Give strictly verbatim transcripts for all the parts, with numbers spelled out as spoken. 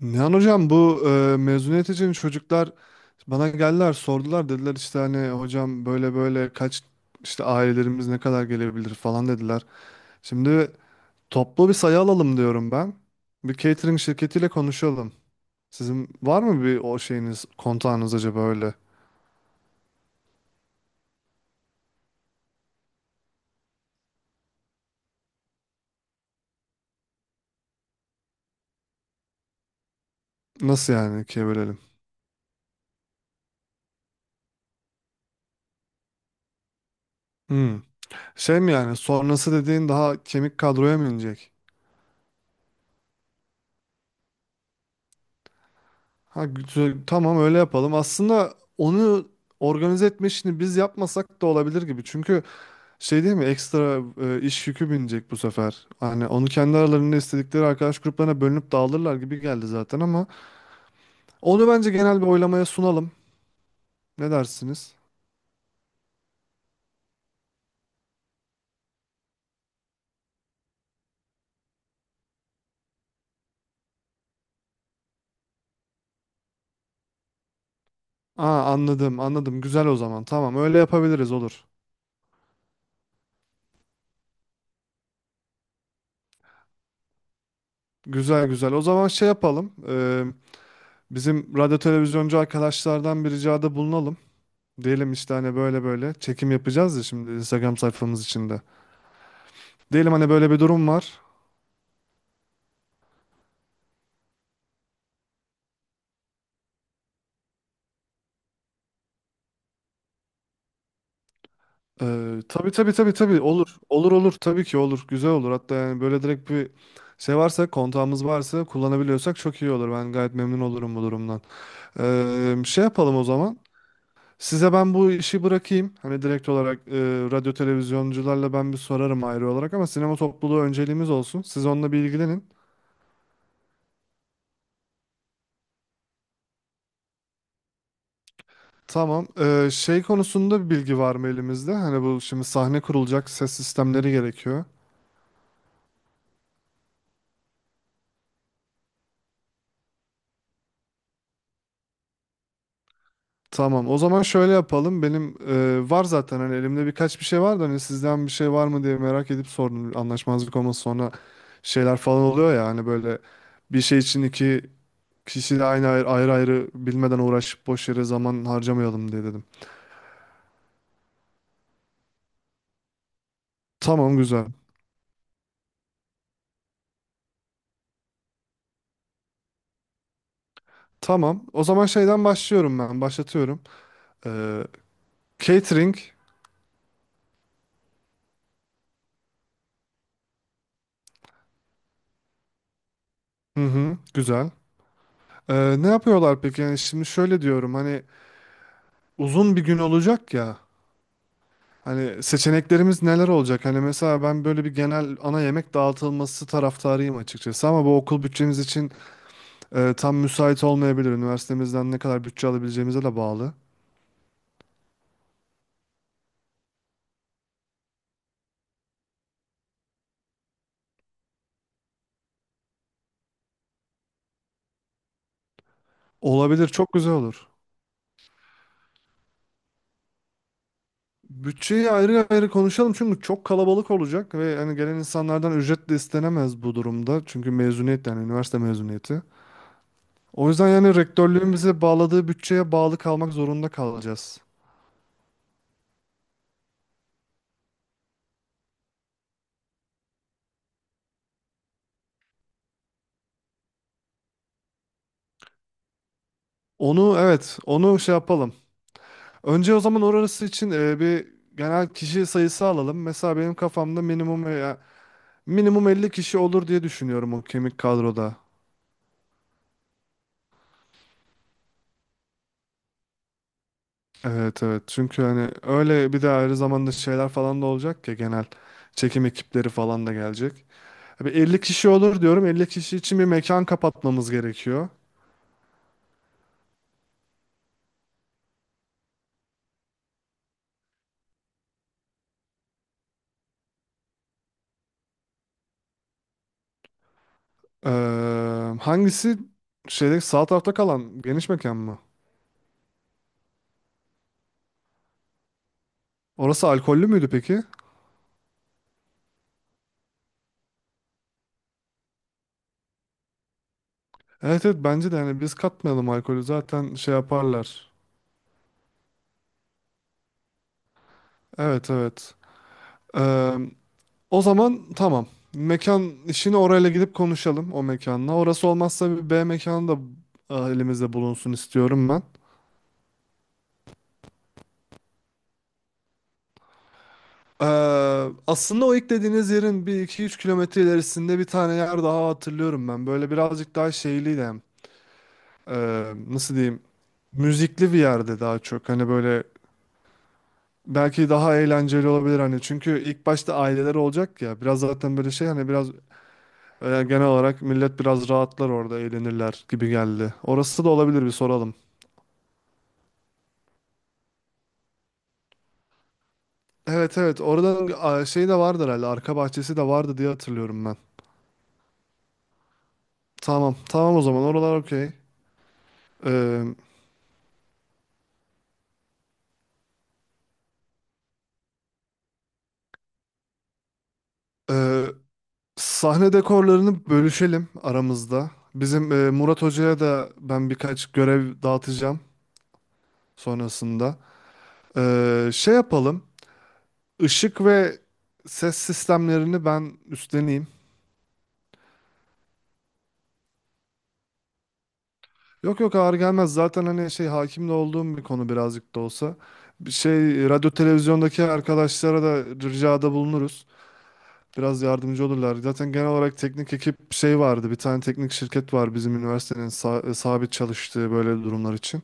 Nihan hocam bu e, mezuniyet için çocuklar bana geldiler sordular dediler işte hani hocam böyle böyle kaç işte ailelerimiz ne kadar gelebilir falan dediler. Şimdi toplu bir sayı alalım diyorum ben. Bir catering şirketiyle konuşalım. Sizin var mı bir o şeyiniz kontağınız acaba öyle? Nasıl yani ikiye bölelim? Hmm. Şey mi yani sonrası dediğin daha kemik kadroya mı inecek? Ha güzel tamam öyle yapalım. Aslında onu organize etme işini biz yapmasak da olabilir gibi. Çünkü şey değil mi? Ekstra e, iş yükü binecek bu sefer. Hani onu kendi aralarında istedikleri arkadaş gruplarına bölünüp dağılırlar gibi geldi zaten ama onu bence genel bir oylamaya sunalım. Ne dersiniz? Aa, anladım, anladım. Güzel o zaman. Tamam, öyle yapabiliriz olur. Güzel güzel. O zaman şey yapalım. E, bizim radyo televizyoncu arkadaşlardan bir ricada bulunalım. Diyelim işte hani böyle böyle çekim yapacağız ya şimdi Instagram sayfamız içinde. Diyelim hani böyle bir durum var. Ee, tabii tabii tabii tabii olur. Olur olur tabii ki olur. Güzel olur. Hatta yani böyle direkt bir şey varsa kontağımız varsa kullanabiliyorsak çok iyi olur. Ben gayet memnun olurum bu durumdan. Ee, şey yapalım o zaman. Size ben bu işi bırakayım. Hani direkt olarak e, radyo televizyoncularla ben bir sorarım ayrı olarak ama sinema topluluğu önceliğimiz olsun. Siz onunla bir ilgilenin. Tamam. Ee, şey konusunda bir bilgi var mı elimizde? Hani bu şimdi sahne kurulacak, ses sistemleri gerekiyor. Tamam. O zaman şöyle yapalım. Benim e, var zaten hani elimde birkaç bir şey var da hani sizden bir şey var mı diye merak edip sordum. Anlaşmazlık olması sonra şeyler falan oluyor ya hani böyle bir şey için iki kişi aynı ayrı, ayrı ayrı bilmeden uğraşıp boş yere zaman harcamayalım diye dedim. Tamam güzel. Tamam. O zaman şeyden başlıyorum ben. Başlatıyorum. Ee, Catering. Hı hı. Güzel. Ee, ne yapıyorlar peki? Yani şimdi şöyle diyorum hani uzun bir gün olacak ya. Hani seçeneklerimiz neler olacak? Hani mesela ben böyle bir genel ana yemek dağıtılması taraftarıyım açıkçası ama bu okul bütçemiz için e, tam müsait olmayabilir. Üniversitemizden ne kadar bütçe alabileceğimize de bağlı. Olabilir, çok güzel olur. Bütçeyi ayrı ayrı konuşalım çünkü çok kalabalık olacak ve hani gelen insanlardan ücret de istenemez bu durumda. Çünkü mezuniyet yani üniversite mezuniyeti. O yüzden yani rektörlüğün bize bağladığı bütçeye bağlı kalmak zorunda kalacağız. Onu evet, onu şey yapalım. Önce o zaman orası için e, bir genel kişi sayısı alalım. Mesela benim kafamda minimum veya minimum elli kişi olur diye düşünüyorum o kemik kadroda. Evet evet. Çünkü hani öyle bir de ayrı zamanda şeyler falan da olacak ya genel çekim ekipleri falan da gelecek. Bir elli kişi olur diyorum. elli kişi için bir mekan kapatmamız gerekiyor. Ee, Hangisi şeyde sağ tarafta kalan geniş mekan mı? Orası alkollü müydü peki? Evet evet bence de hani biz katmayalım alkolü zaten şey yaparlar. Evet evet. Ee, O zaman tamam. Mekan işini orayla gidip konuşalım o mekanla. Orası olmazsa bir B mekanı da e, elimizde bulunsun istiyorum ben. Ee, Aslında o ilk dediğiniz yerin bir iki üç kilometre ilerisinde bir tane yer daha hatırlıyorum ben. Böyle birazcık daha şeyliydi hem. Ee, nasıl diyeyim? Müzikli bir yerde daha çok. Hani böyle belki daha eğlenceli olabilir hani. Çünkü ilk başta aileler olacak ya. Biraz zaten böyle şey hani biraz Ee, genel olarak millet biraz rahatlar orada, eğlenirler gibi geldi. Orası da olabilir bir soralım. Evet evet oradan a, şey de vardı herhalde arka bahçesi de vardı diye hatırlıyorum ben. Tamam tamam o zaman oralar okey. Ee, e, Sahne dekorlarını bölüşelim aramızda. Bizim e, Murat Hoca'ya da ben birkaç görev dağıtacağım sonrasında. Ee, şey yapalım ışık ve ses sistemlerini ben üstleneyim. Yok yok ağır gelmez. Zaten hani şey hakim de olduğum bir konu birazcık da olsa. Bir şey radyo televizyondaki arkadaşlara da ricada bulunuruz. Biraz yardımcı olurlar. Zaten genel olarak teknik ekip şey vardı. Bir tane teknik şirket var bizim üniversitenin sa- e, sabit çalıştığı böyle durumlar için.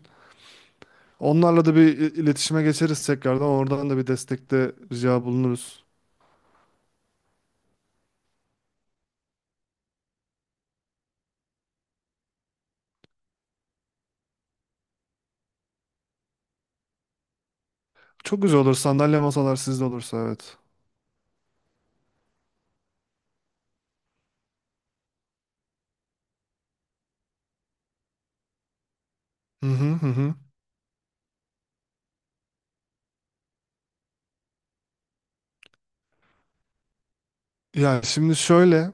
Onlarla da bir i- iletişime geçeriz tekrardan. Oradan da bir destekte rica bulunuruz. Çok güzel olur. Sandalye masalar sizde olursa evet. Hı hı hı hı. Ya şimdi şöyle.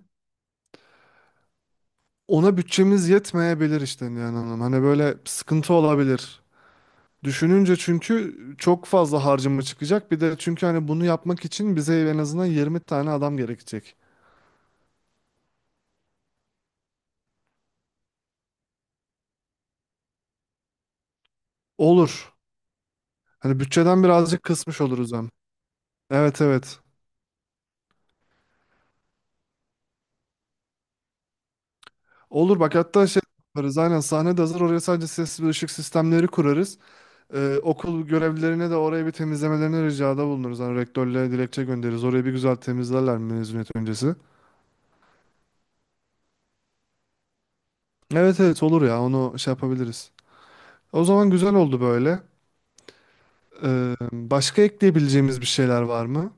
Ona bütçemiz yetmeyebilir işte yani hanım. Hani böyle sıkıntı olabilir. Düşününce çünkü çok fazla harcama çıkacak. Bir de çünkü hani bunu yapmak için bize en azından yirmi tane adam gerekecek. Olur. Hani bütçeden birazcık kısmış oluruz hem. Evet evet. Olur bak hatta şey yaparız. Aynen sahne de hazır. Oraya sadece ses ve ışık sistemleri kurarız. Ee, okul görevlilerine de oraya bir temizlemelerini ricada bulunuruz. Hani rektörle dilekçe göndeririz. Orayı bir güzel temizlerler mezuniyet öncesi. Evet evet olur ya onu şey yapabiliriz. O zaman güzel oldu böyle. Ee, başka ekleyebileceğimiz bir şeyler var mı?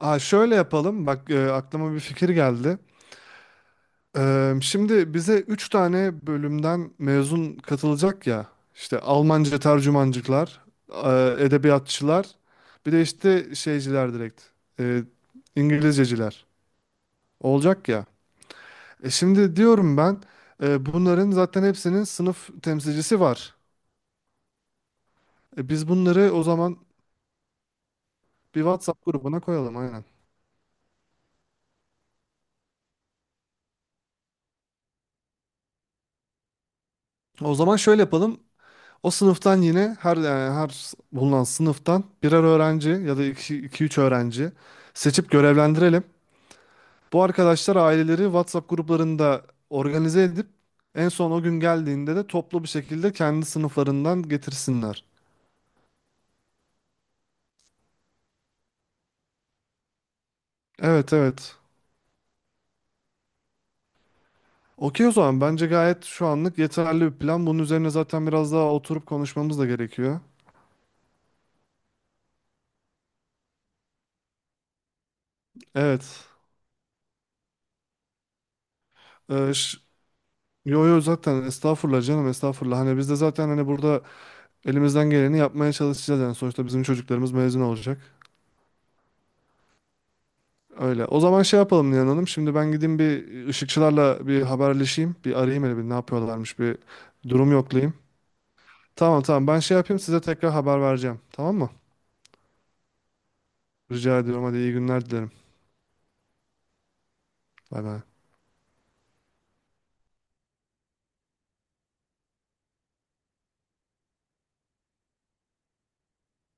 Aa, şöyle yapalım. Bak e, aklıma bir fikir geldi. Ee, şimdi bize üç tane bölümden mezun katılacak ya. İşte Almanca tercümancıklar, e, edebiyatçılar, bir de işte şeyciler direkt. e, İngilizceciler olacak ya. E şimdi diyorum ben e, bunların zaten hepsinin sınıf temsilcisi var. E, biz bunları o zaman bir WhatsApp grubuna koyalım aynen. O zaman şöyle yapalım. O sınıftan yine her yani her s- bulunan sınıftan birer öğrenci ya da iki iki üç öğrenci seçip görevlendirelim. Bu arkadaşlar aileleri WhatsApp gruplarında organize edip en son o gün geldiğinde de toplu bir şekilde kendi sınıflarından getirsinler. Evet evet. Okey o zaman bence gayet şu anlık yeterli bir plan. Bunun üzerine zaten biraz daha oturup konuşmamız da gerekiyor. Evet. Ee, ş- Yo yo zaten estağfurullah canım estağfurullah. Hani biz de zaten hani burada elimizden geleni yapmaya çalışacağız yani sonuçta bizim çocuklarımız mezun olacak. Öyle. O zaman şey yapalım Nihan Hanım. Şimdi ben gideyim bir ışıkçılarla bir haberleşeyim. Bir arayayım hele bir ne yapıyorlarmış bir durum yoklayayım. Tamam tamam ben şey yapayım size tekrar haber vereceğim. Tamam mı? Rica ediyorum hadi iyi günler dilerim. Bay bay.